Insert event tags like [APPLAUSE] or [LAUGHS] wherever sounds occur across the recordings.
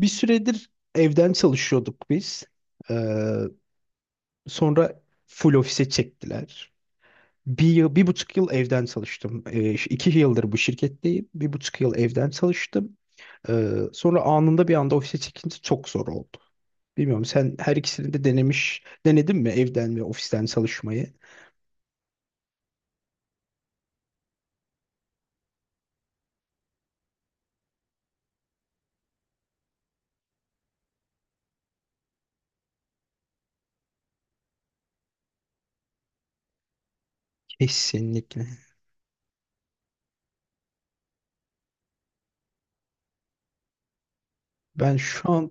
Bir süredir evden çalışıyorduk biz. Ee, Sonra full ofise çektiler. 1 yıl, 1,5 yıl evden çalıştım. 2 yıldır bu şirketteyim. 1,5 yıl evden çalıştım. Sonra anında bir anda ofise çekince çok zor oldu. Bilmiyorum sen her ikisini de denedin mi evden ve ofisten çalışmayı? Kesinlikle. Ben şu an...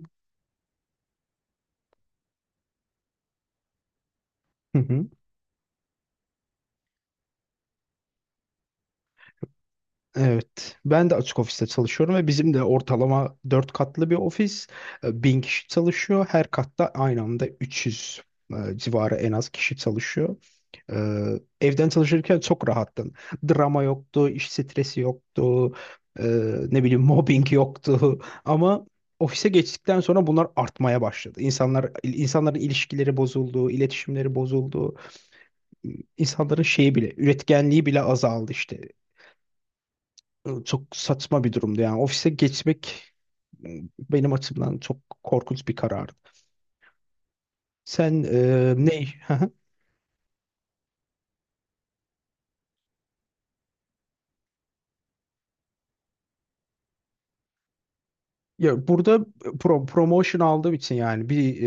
[LAUGHS] Evet. Ben de açık ofiste çalışıyorum ve bizim de ortalama 4 katlı bir ofis. 1000 kişi çalışıyor. Her katta aynı anda 300 civarı en az kişi çalışıyor. E, Evden çalışırken çok rahattım. Drama yoktu, iş stresi yoktu, e, ne bileyim [LAUGHS] mobbing yoktu. Ama ofise geçtikten sonra bunlar artmaya başladı. İnsanların ilişkileri bozuldu, iletişimleri bozuldu. İnsanların şeyi bile, üretkenliği bile azaldı işte, çok saçma bir durumdu yani ofise geçmek benim açımdan çok korkunç bir karardı. Sen ne? [LAUGHS] Ya burada promotion aldığım için, yani bir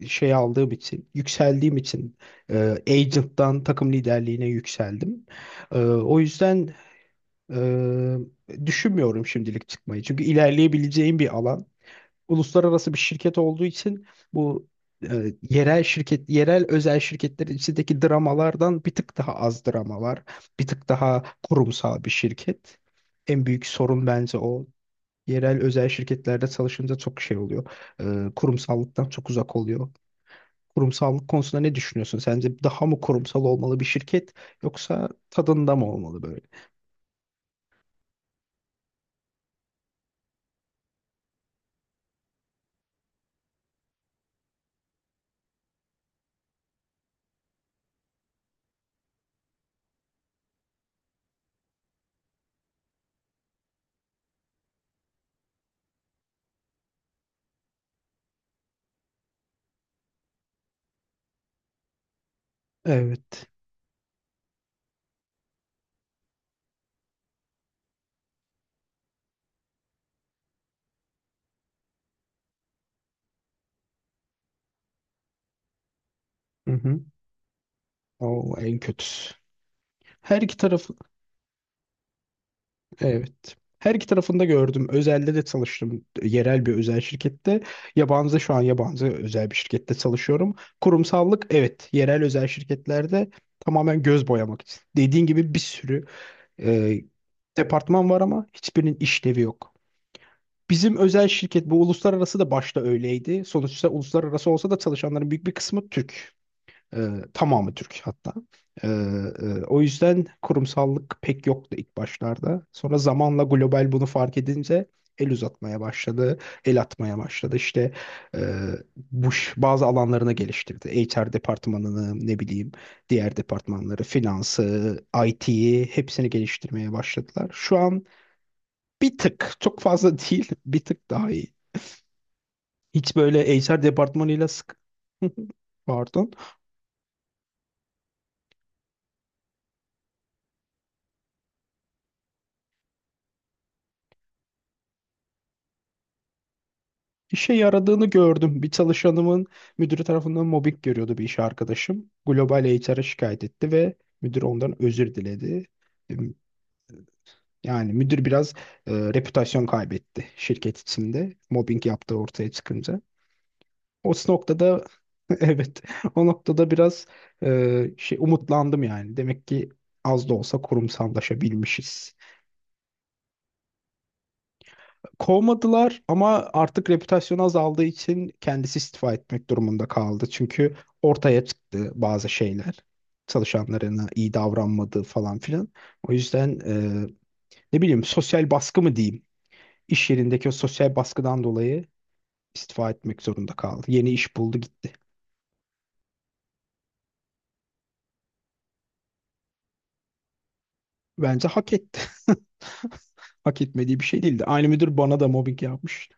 şey aldığım için, yükseldiğim için, e, agent'tan takım liderliğine yükseldim. O yüzden düşünmüyorum şimdilik çıkmayı. Çünkü ilerleyebileceğim bir alan. Uluslararası bir şirket olduğu için bu yerel özel şirketler içindeki dramalardan bir tık daha az drama var. Bir tık daha kurumsal bir şirket. En büyük sorun bence o. Yerel özel şirketlerde çalışınca çok şey oluyor. Kurumsallıktan çok uzak oluyor. Kurumsallık konusunda ne düşünüyorsun? Sence daha mı kurumsal olmalı bir şirket, yoksa tadında mı olmalı böyle? Evet. Hı hı. O en kötüsü. Her iki taraf. Evet. Her iki tarafında gördüm. Özelde de çalıştım. Yerel bir özel şirkette. Yabancı şu an Yabancı özel bir şirkette çalışıyorum. Kurumsallık evet. Yerel özel şirketlerde tamamen göz boyamak için. Dediğin gibi bir sürü e, departman var ama hiçbirinin işlevi yok. Bizim özel şirket, bu uluslararası da başta öyleydi. Sonuçta uluslararası olsa da çalışanların büyük bir kısmı Türk. Ee, Tamamı Türk hatta. Ee, O yüzden kurumsallık pek yoktu ilk başlarda. Sonra zamanla global bunu fark edince el uzatmaya başladı, el atmaya başladı. İşte e, bazı alanlarını geliştirdi. HR departmanını, ne bileyim, diğer departmanları, finansı, IT'yi hepsini geliştirmeye başladılar. Şu an bir tık, çok fazla [LAUGHS] değil, bir tık daha iyi. Hiç böyle HR departmanıyla sık... [LAUGHS] Pardon. İşe yaradığını gördüm. Bir çalışanımın müdürü tarafından mobbing görüyordu bir iş arkadaşım. Global HR'a şikayet etti ve müdür ondan özür diledi. Em, Yani müdür biraz reputasyon kaybetti şirket içinde. Mobbing yaptığı ortaya çıkınca. O noktada [LAUGHS] evet, o noktada biraz şey, umutlandım yani. Demek ki az da olsa kurumsallaşabilmişiz. Kovmadılar, ama artık reputasyonu azaldığı için kendisi istifa etmek durumunda kaldı. Çünkü ortaya çıktı bazı şeyler. Çalışanlarına iyi davranmadığı falan filan. O yüzden ne bileyim, sosyal baskı mı diyeyim? İş yerindeki o sosyal baskıdan dolayı istifa etmek zorunda kaldı. Yeni iş buldu, gitti. Bence hak etti. [LAUGHS] Hak etmediği bir şey değildi. Aynı müdür bana da mobbing yapmış.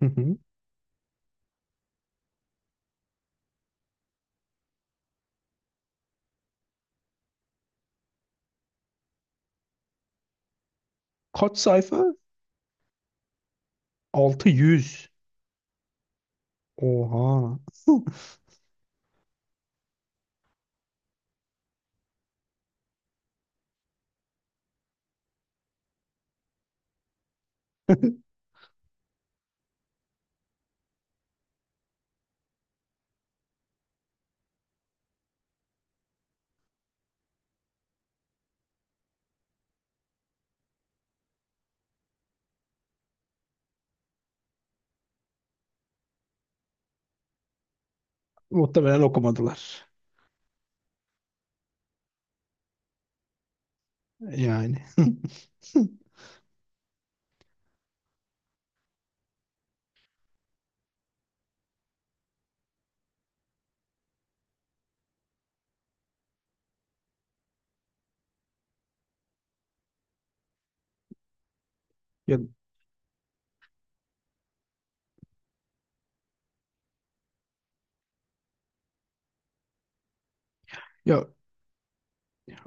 Hı hı. Kaç sayfa? 600. Oha. [LAUGHS] Muhtemelen okumadılar. Yani. [LAUGHS] Ya, ya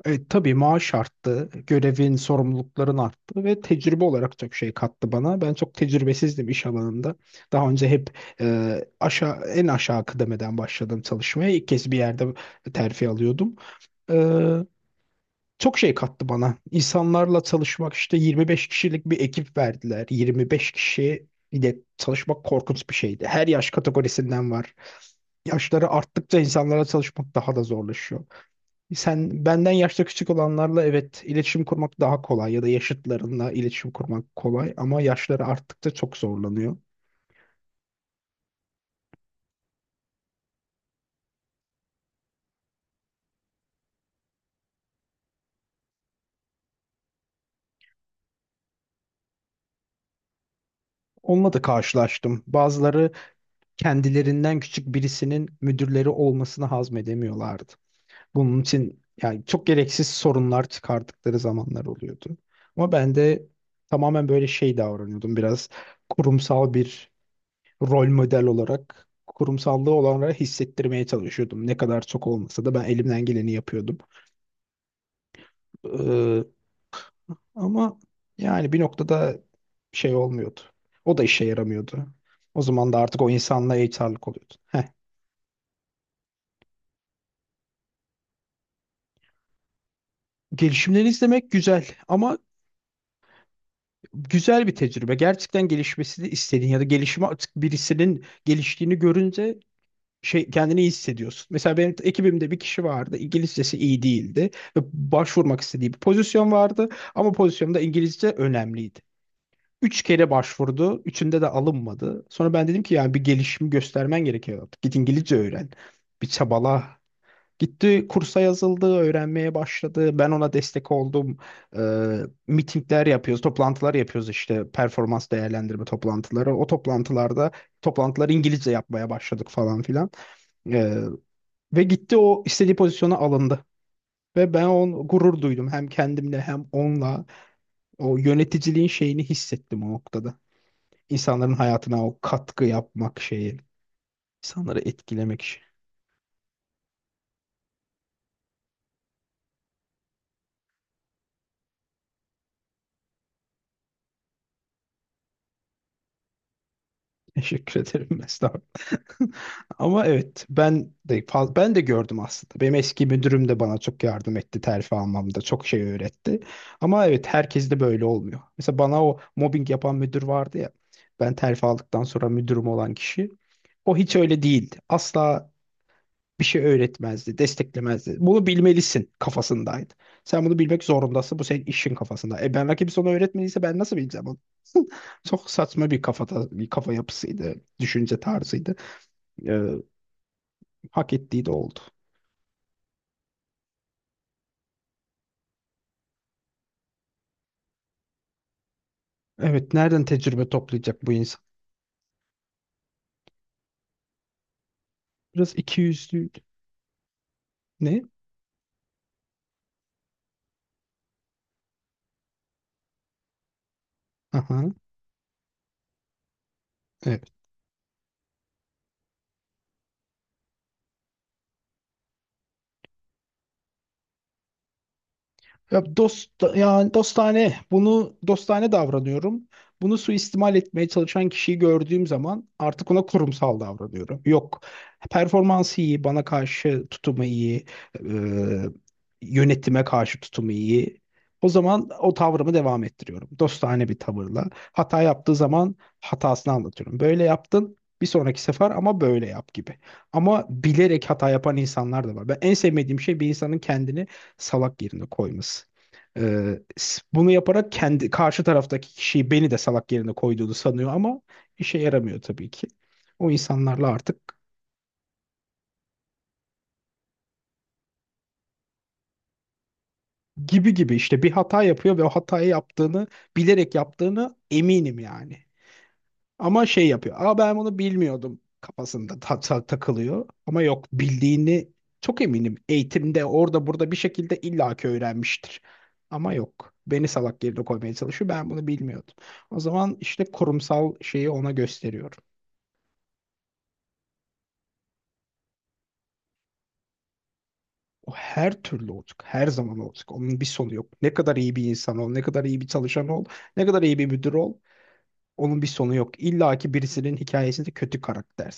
tabii maaş arttı, görevin, sorumlulukların arttı ve tecrübe olarak çok şey kattı bana. Ben çok tecrübesizdim iş alanında. Daha önce hep e, aşağı en aşağı kıdemeden başladım çalışmaya. İlk kez bir yerde terfi alıyordum. E, Çok şey kattı bana. İnsanlarla çalışmak, işte 25 kişilik bir ekip verdiler. 25 kişi ile çalışmak korkunç bir şeydi. Her yaş kategorisinden var. Yaşları arttıkça insanlarla çalışmak daha da zorlaşıyor. Sen benden yaşta küçük olanlarla evet iletişim kurmak daha kolay, ya da yaşıtlarınla iletişim kurmak kolay, ama yaşları arttıkça çok zorlanıyor. Onunla da karşılaştım. Bazıları kendilerinden küçük birisinin müdürleri olmasını hazmedemiyorlardı. Bunun için yani çok gereksiz sorunlar çıkardıkları zamanlar oluyordu. Ama ben de tamamen böyle şey davranıyordum, biraz kurumsal bir rol model olarak kurumsallığı olanlara hissettirmeye çalışıyordum. Ne kadar çok olmasa da ben elimden geleni yapıyordum. Ee, Ama yani bir noktada şey olmuyordu. O da işe yaramıyordu. O zaman da artık o insanla HR'lık oluyordu. Heh. Gelişimleri izlemek güzel ama, güzel bir tecrübe. Gerçekten gelişmesini istediğin ya da gelişimi, artık birisinin geliştiğini görünce şey, kendini iyi hissediyorsun. Mesela benim ekibimde bir kişi vardı. İngilizcesi iyi değildi ve başvurmak istediği bir pozisyon vardı, ama pozisyonda İngilizce önemliydi. 3 kere başvurdu. Üçünde de alınmadı. Sonra ben dedim ki yani bir gelişim göstermen gerekiyor artık. Git İngilizce öğren. Bir çabala. Gitti kursa yazıldı, öğrenmeye başladı. Ben ona destek oldum. Ee, Mitingler yapıyoruz, toplantılar yapıyoruz, işte performans değerlendirme toplantıları. O toplantılarda Toplantıları İngilizce yapmaya başladık falan filan. Ee, Ve gitti, o istediği pozisyona alındı. Ve ben on gurur duydum, hem kendimle hem onunla. O yöneticiliğin şeyini hissettim o noktada. İnsanların hayatına o katkı yapmak şeyi, insanları etkilemek işi. [LAUGHS] Teşekkür ederim Mesut abi. [LAUGHS] Ama evet, ben de gördüm aslında. Benim eski müdürüm de bana çok yardım etti terfi almamda. Çok şey öğretti. Ama evet, herkes de böyle olmuyor. Mesela bana o mobbing yapan müdür vardı ya. Ben terfi aldıktan sonra müdürüm olan kişi. O hiç öyle değildi. Asla bir şey öğretmezdi, desteklemezdi. Bunu bilmelisin kafasındaydı. Sen bunu bilmek zorundasın. Bu senin işin kafasında. E ben rakip, sana öğretmediyse ben nasıl bileceğim onu? Çok saçma bir kafada, bir kafa yapısıydı, düşünce tarzıydı. Hak ettiği de oldu. Evet, nereden tecrübe toplayacak bu insan? Biraz ikiyüzlüydü. Ne? Aha, evet. Dostane, bunu dostane davranıyorum. Bunu suistimal etmeye çalışan kişiyi gördüğüm zaman artık ona kurumsal davranıyorum. Yok. Performansı iyi, bana karşı tutumu iyi, e, yönetime karşı tutumu iyi. O zaman o tavrımı devam ettiriyorum. Dostane bir tavırla. Hata yaptığı zaman hatasını anlatıyorum. Böyle yaptın, bir sonraki sefer ama böyle yap gibi. Ama bilerek hata yapan insanlar da var. Ben en sevmediğim şey, bir insanın kendini salak yerine koyması. Bunu yaparak karşı taraftaki kişiyi, beni de salak yerine koyduğunu sanıyor, ama işe yaramıyor tabii ki. O insanlarla artık gibi gibi işte bir hata yapıyor ve o hatayı bilerek yaptığını eminim yani. Ama şey yapıyor. Aa, ben bunu bilmiyordum kafasında takılıyor. Ama yok, bildiğini çok eminim. Eğitimde, orada burada bir şekilde illaki öğrenmiştir. Ama yok. Beni salak yerine koymaya çalışıyor. Ben bunu bilmiyordum. O zaman işte kurumsal şeyi ona gösteriyorum. O her türlü olacak. Her zaman olacak. Onun bir sonu yok. Ne kadar iyi bir insan ol, ne kadar iyi bir çalışan ol, ne kadar iyi bir müdür ol. Onun bir sonu yok. İlla ki birisinin hikayesinde kötü karakter.